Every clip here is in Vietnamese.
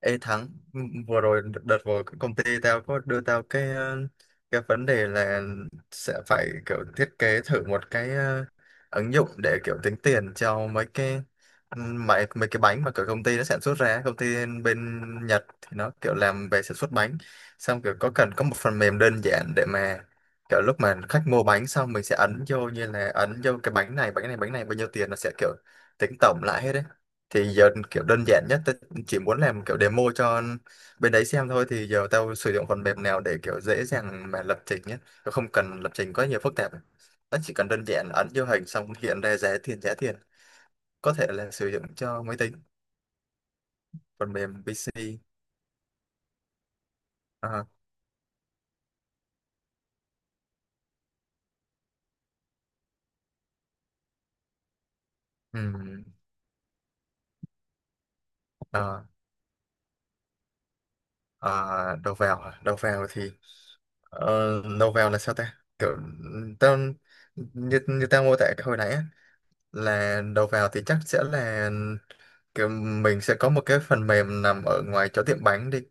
Ê Thắng, Ừ, vừa rồi đợt đợt vừa cái công ty tao có đưa tao cái cái vấn đề là sẽ phải kiểu thiết kế thử một cái ứng dụng để kiểu tính tiền cho mấy cái ừ, mấy mấy cái bánh mà kiểu công ty nó sản xuất ra, công ty bên Nhật thì nó kiểu làm về sản xuất bánh, xong kiểu có cần có một phần mềm đơn giản để mà kiểu lúc mà khách mua bánh xong mình sẽ ấn vô như là ấn vô cái bánh này, bánh này, bánh này bao nhiêu tiền nó sẽ kiểu tính tổng lại hết đấy. Thì giờ kiểu đơn giản nhất chỉ muốn làm kiểu demo cho bên đấy xem thôi, thì giờ tao sử dụng phần mềm nào để kiểu dễ dàng mà lập trình nhé. Tao không cần lập trình quá nhiều phức tạp, nó chỉ cần đơn giản ấn vô hình xong hiện ra giá tiền giá tiền, có thể là sử dụng cho máy tính, phần mềm PC. Ờ, ừm, ờ, ờ, đầu vào à? Đầu vào thì ờ, đầu vào là sao ta, kiểu tao như như tao mô tả hồi nãy á, là đầu vào thì chắc sẽ là kiểu mình sẽ có một cái phần mềm nằm ở ngoài chỗ tiệm bánh đi,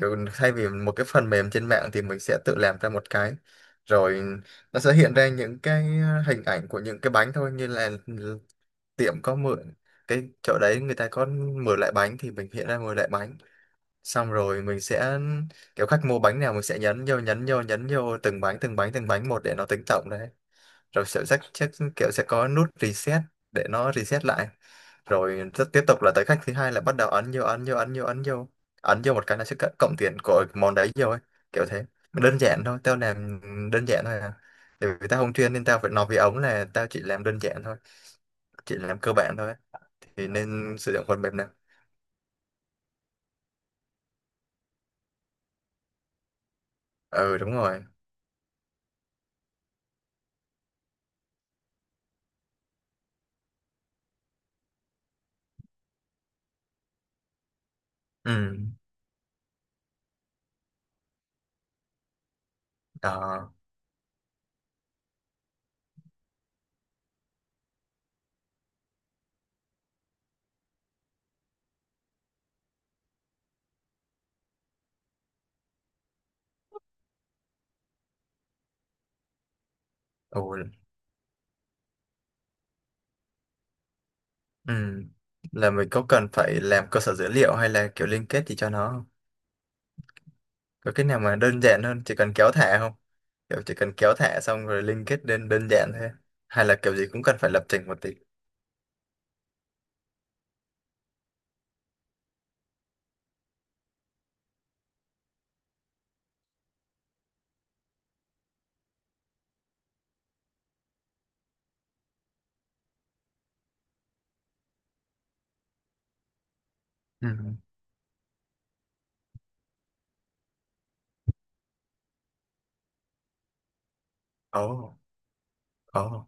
kiểu thay vì một cái phần mềm trên mạng thì mình sẽ tự làm ra một cái. Rồi nó sẽ hiện ra những cái hình ảnh của những cái bánh thôi, như là tiệm có mượn cái chỗ đấy, người ta có mượn lại bánh thì mình hiện ra mượn lại bánh. Xong rồi mình sẽ kiểu khách mua bánh nào mình sẽ nhấn vô nhấn vô từng bánh từng bánh từng bánh một để nó tính tổng đấy. Rồi sẽ chắc chắc kiểu sẽ có nút reset để nó reset lại, rồi rất tiếp tục là tới khách thứ hai là bắt đầu ấn vô ấn vô một cái là sẽ cộng tiền của món đấy vô ấy. Kiểu thế, đơn giản thôi tao làm đơn giản thôi à, tại vì tao không chuyên nên tao phải nói với ống là tao chỉ làm đơn giản thôi, chỉ làm cơ bản thôi ấy. Thì nên sử dụng phần mềm nào? Ừ, đúng rồi. Ừ, đó. Ừ. Ừ, là mình có cần phải làm cơ sở dữ liệu hay là kiểu liên kết gì cho nó không? Có cái nào mà đơn giản hơn chỉ cần kéo thả không? Kiểu chỉ cần kéo thả xong rồi liên kết đơn đơn giản thế, hay là kiểu gì cũng cần phải lập trình một tí. Ừ. Ồ, ồ.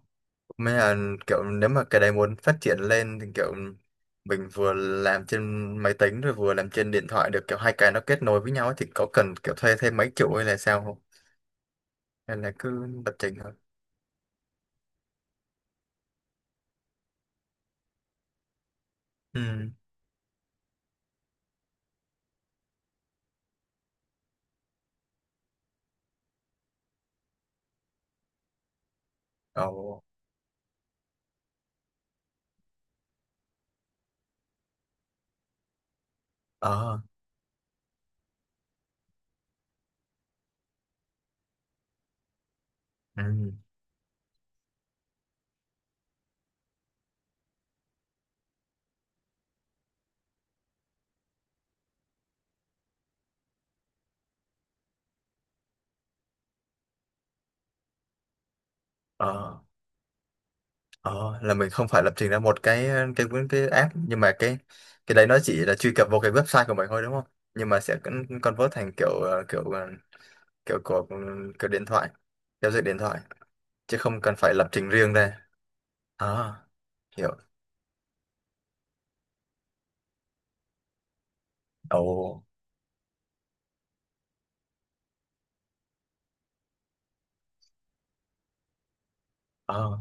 Mấy là kiểu nếu mà cái đấy muốn phát triển lên thì kiểu mình vừa làm trên máy tính rồi vừa làm trên điện thoại được, kiểu hai cái nó kết nối với nhau ấy, thì có cần kiểu thuê thêm máy chủ hay là sao không? Hay là cứ lập trình thôi. Ừ. Ồ. Ờ. Ừ. Ờ. Ờ, là mình không phải lập trình ra một cái cái app, nhưng mà cái đấy nó chỉ là truy cập vào cái website của mình thôi đúng không? Nhưng mà sẽ convert thành kiểu kiểu kiểu của kiểu điện thoại, giao diện điện thoại, chứ không cần phải lập trình riêng ra. À, hiểu. Ồ, à,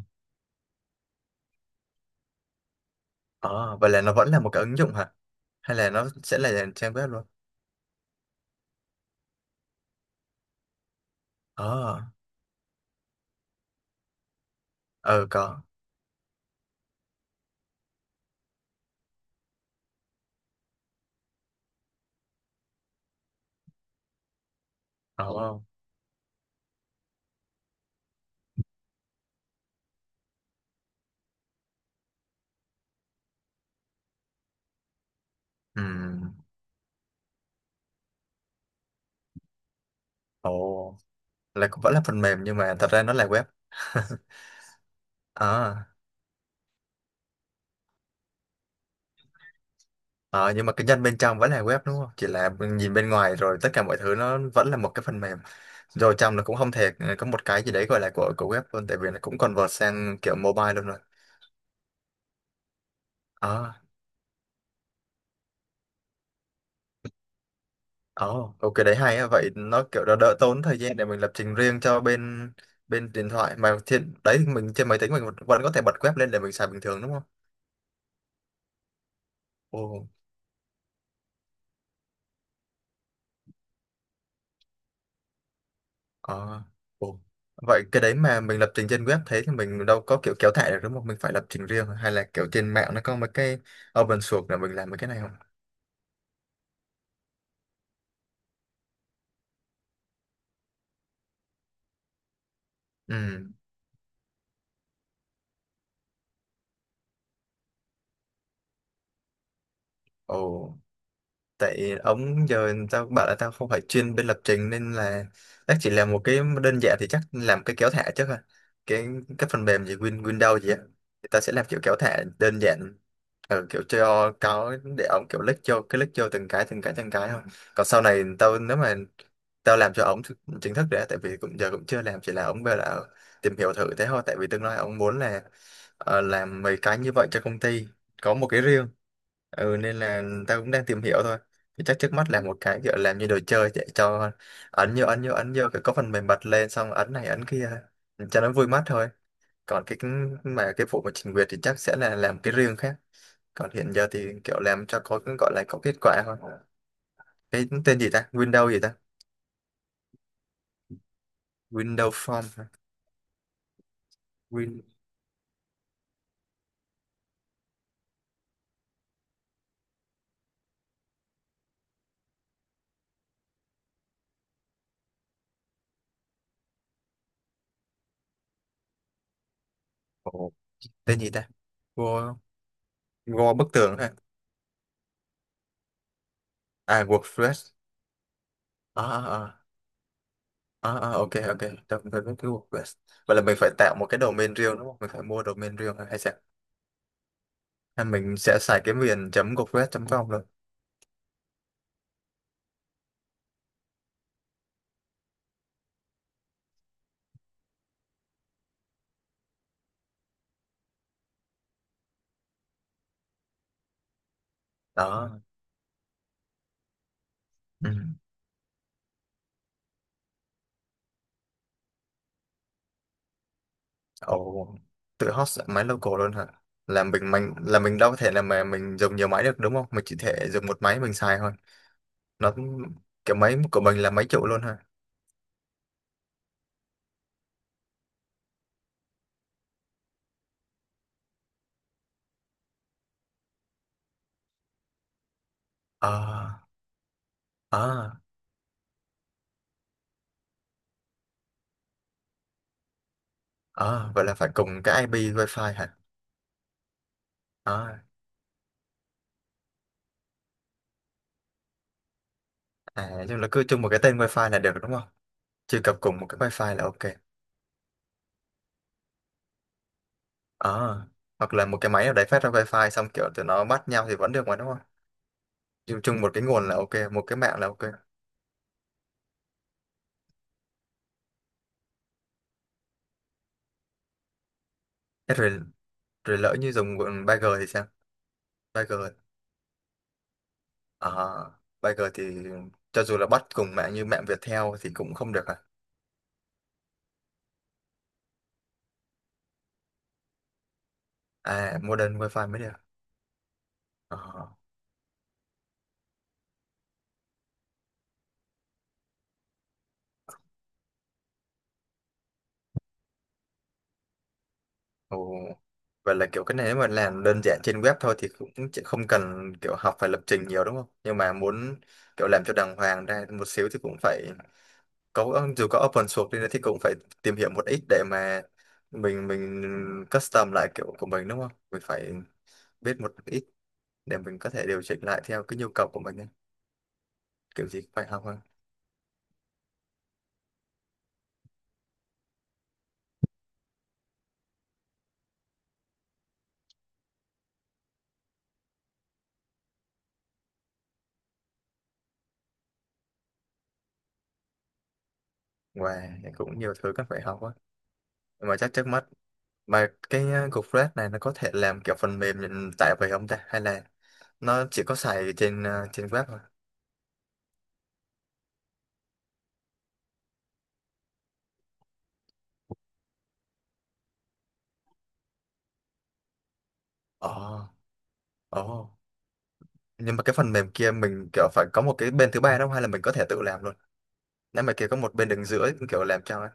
à, vậy là nó vẫn là một cái ứng dụng hả? Hay là nó sẽ là trang web luôn? À, ờ có. Ồ, ừm, ồ, là cũng vẫn là phần mềm nhưng mà thật ra nó là web. À. Ờ, nhưng mà cái nhân bên trong vẫn là web đúng không? Chỉ là nhìn bên ngoài rồi tất cả mọi thứ nó vẫn là một cái phần mềm. Rồi trong nó cũng không thể có một cái gì đấy gọi là của web luôn, tại vì nó cũng convert sang kiểu mobile luôn rồi. Ờ, ờ, ok đấy hay á. Vậy nó kiểu đỡ, đỡ tốn thời gian để mình lập trình riêng cho bên bên điện thoại, mà trên đấy mình trên máy tính mình vẫn có thể bật web lên để mình xài bình thường đúng không? Ồ. À, ồ. Vậy cái đấy mà mình lập trình trên web thế thì mình đâu có kiểu kéo thả được đúng không? Mình phải lập trình riêng hay là kiểu trên mạng nó có mấy cái open source là mình làm mấy cái này không? Ừ. Ồ. Tại ống giờ tao bảo là tao không phải chuyên bên lập trình nên là chắc chỉ làm một cái đơn giản, thì chắc làm cái kéo thả trước thôi, cái cái phần mềm gì Win Windows gì á, thì ta sẽ làm kiểu kéo thả đơn giản, ở kiểu cho có để ống kiểu lách vô cái lách vô từng cái từng cái từng cái thôi. Còn sau này tao nếu mà tao làm cho ống chính thức đấy, tại vì cũng giờ cũng chưa làm, chỉ là ống về là tìm hiểu thử thế thôi, tại vì tương lai ống muốn là làm mấy cái như vậy cho công ty, có một cái riêng. Ừ, nên là tao cũng đang tìm hiểu thôi. Thì chắc trước mắt là một cái kiểu làm như đồ chơi, để cho ấn vô ấn vô ấn vô cái có phần mềm bật lên xong ấn này ấn kia cho nó vui mắt thôi. Còn mà cái vụ mà trình duyệt thì chắc sẽ là làm cái riêng khác, còn hiện giờ thì kiểu làm cho có gọi là có kết quả thôi. Cái tên gì ta, Windows gì ta, Windows Form hả? Win. Ồ, tên gì ta, Go, Go bức tường hả? À, WordPress, à à à, à à, ok ok, tôi biết cái WordPress. Vậy là mình phải tạo một cái domain riêng đúng không? Mình phải mua domain riêng hay sao? Là mình sẽ xài cái miền chấm gocret.com luôn đó. Ừ. Ồ, tự host máy local luôn hả? Là mình đâu có thể là mà mình dùng nhiều máy được đúng không, mình chỉ thể dùng một máy mình xài thôi, nó cái máy của mình là máy chủ luôn hả? Ờ. Ờ. Ờ, vậy là phải cùng cái IP wifi hả? Ờ. À, nhưng là cứ chung một cái tên wifi là được đúng không, truy cập cùng một cái wifi là ok. Ờ, hoặc là một cái máy nào đấy phát ra wifi xong kiểu tụi nó bắt nhau thì vẫn được mà đúng không, dùng chung một cái nguồn là ok, một cái mạng là ok. Thế rồi, rồi lỡ như dùng bọn Bagger thì sao? Bagger, à, Bagger thì cho dù là bắt cùng mạng như mạng Viettel thì cũng không được à? À, Modern Wi-Fi mới được. À, ồ. Vậy là kiểu cái này nếu mà làm đơn giản trên web thôi thì cũng chỉ không cần kiểu học phải lập trình nhiều đúng không? Nhưng mà muốn kiểu làm cho đàng hoàng ra một xíu thì cũng phải có, dù có open source đi nữa thì cũng phải tìm hiểu một ít để mà mình custom lại kiểu của mình đúng không? Mình phải biết một ít để mình có thể điều chỉnh lại theo cái nhu cầu của mình ấy. Kiểu gì cũng phải học hơn, và cũng nhiều thứ cần phải học quá, nhưng mà chắc trước mắt mà cái cục flash này nó có thể làm kiểu phần mềm nhận tại về không ta, hay là nó chỉ có xài trên trên web thôi. Ồ, ồ, nhưng mà cái phần mềm kia mình kiểu phải có một cái bên thứ ba đâu, hay là mình có thể tự làm luôn, nếu mà kia có một bên đứng giữa ấy, kiểu làm cho ấy.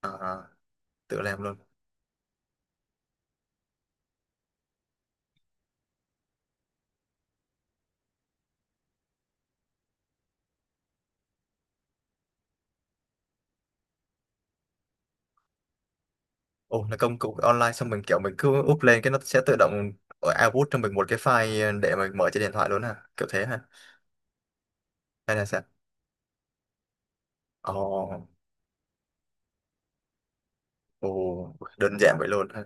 À, tự làm luôn. Ồ, là công cụ online xong mình kiểu mình cứ úp lên cái nó sẽ tự động output cho mình một cái file để mình mở trên điện thoại luôn à? Kiểu thế hả? Hay là sao? Ồ, ồ, đơn giản vậy luôn ha.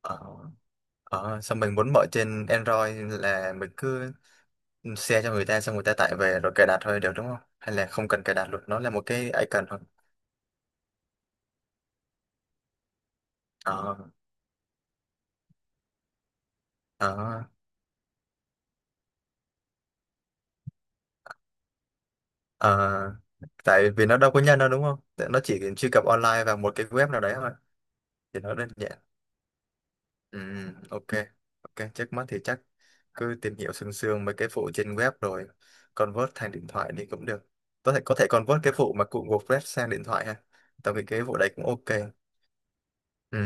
Ờ, ờ, xong mình muốn mở trên Android là mình cứ share cho người ta xong người ta tải về rồi cài đặt thôi được đúng không? Hay là không cần cài đặt luôn, nó là một cái icon thôi. Ờ, ờ, ờ, tại vì nó đâu có nhân đâu đúng không? Nó chỉ truy cập online vào một cái web nào đấy thôi, thì nó đơn giản. Ừ, ok, ok, trước mắt thì chắc cứ tìm hiểu sương sương mấy cái phụ trên web rồi convert thành điện thoại đi cũng được. Có thể convert cái phụ mà cụ WordPress sang điện thoại ha. Tao nghĩ cái vụ đấy cũng ok. Ừ,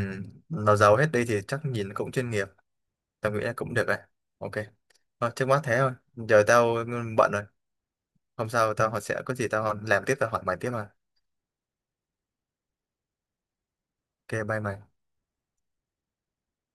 nó giàu hết đi thì chắc nhìn cũng chuyên nghiệp. Tao nghĩ là cũng được rồi. Ok, thôi, trước mắt thế thôi. Giờ tao bận rồi. Hôm sau tao họ sẽ có gì tao làm tiếp tao hỏi mày tiếp mà. Ok, bye mày.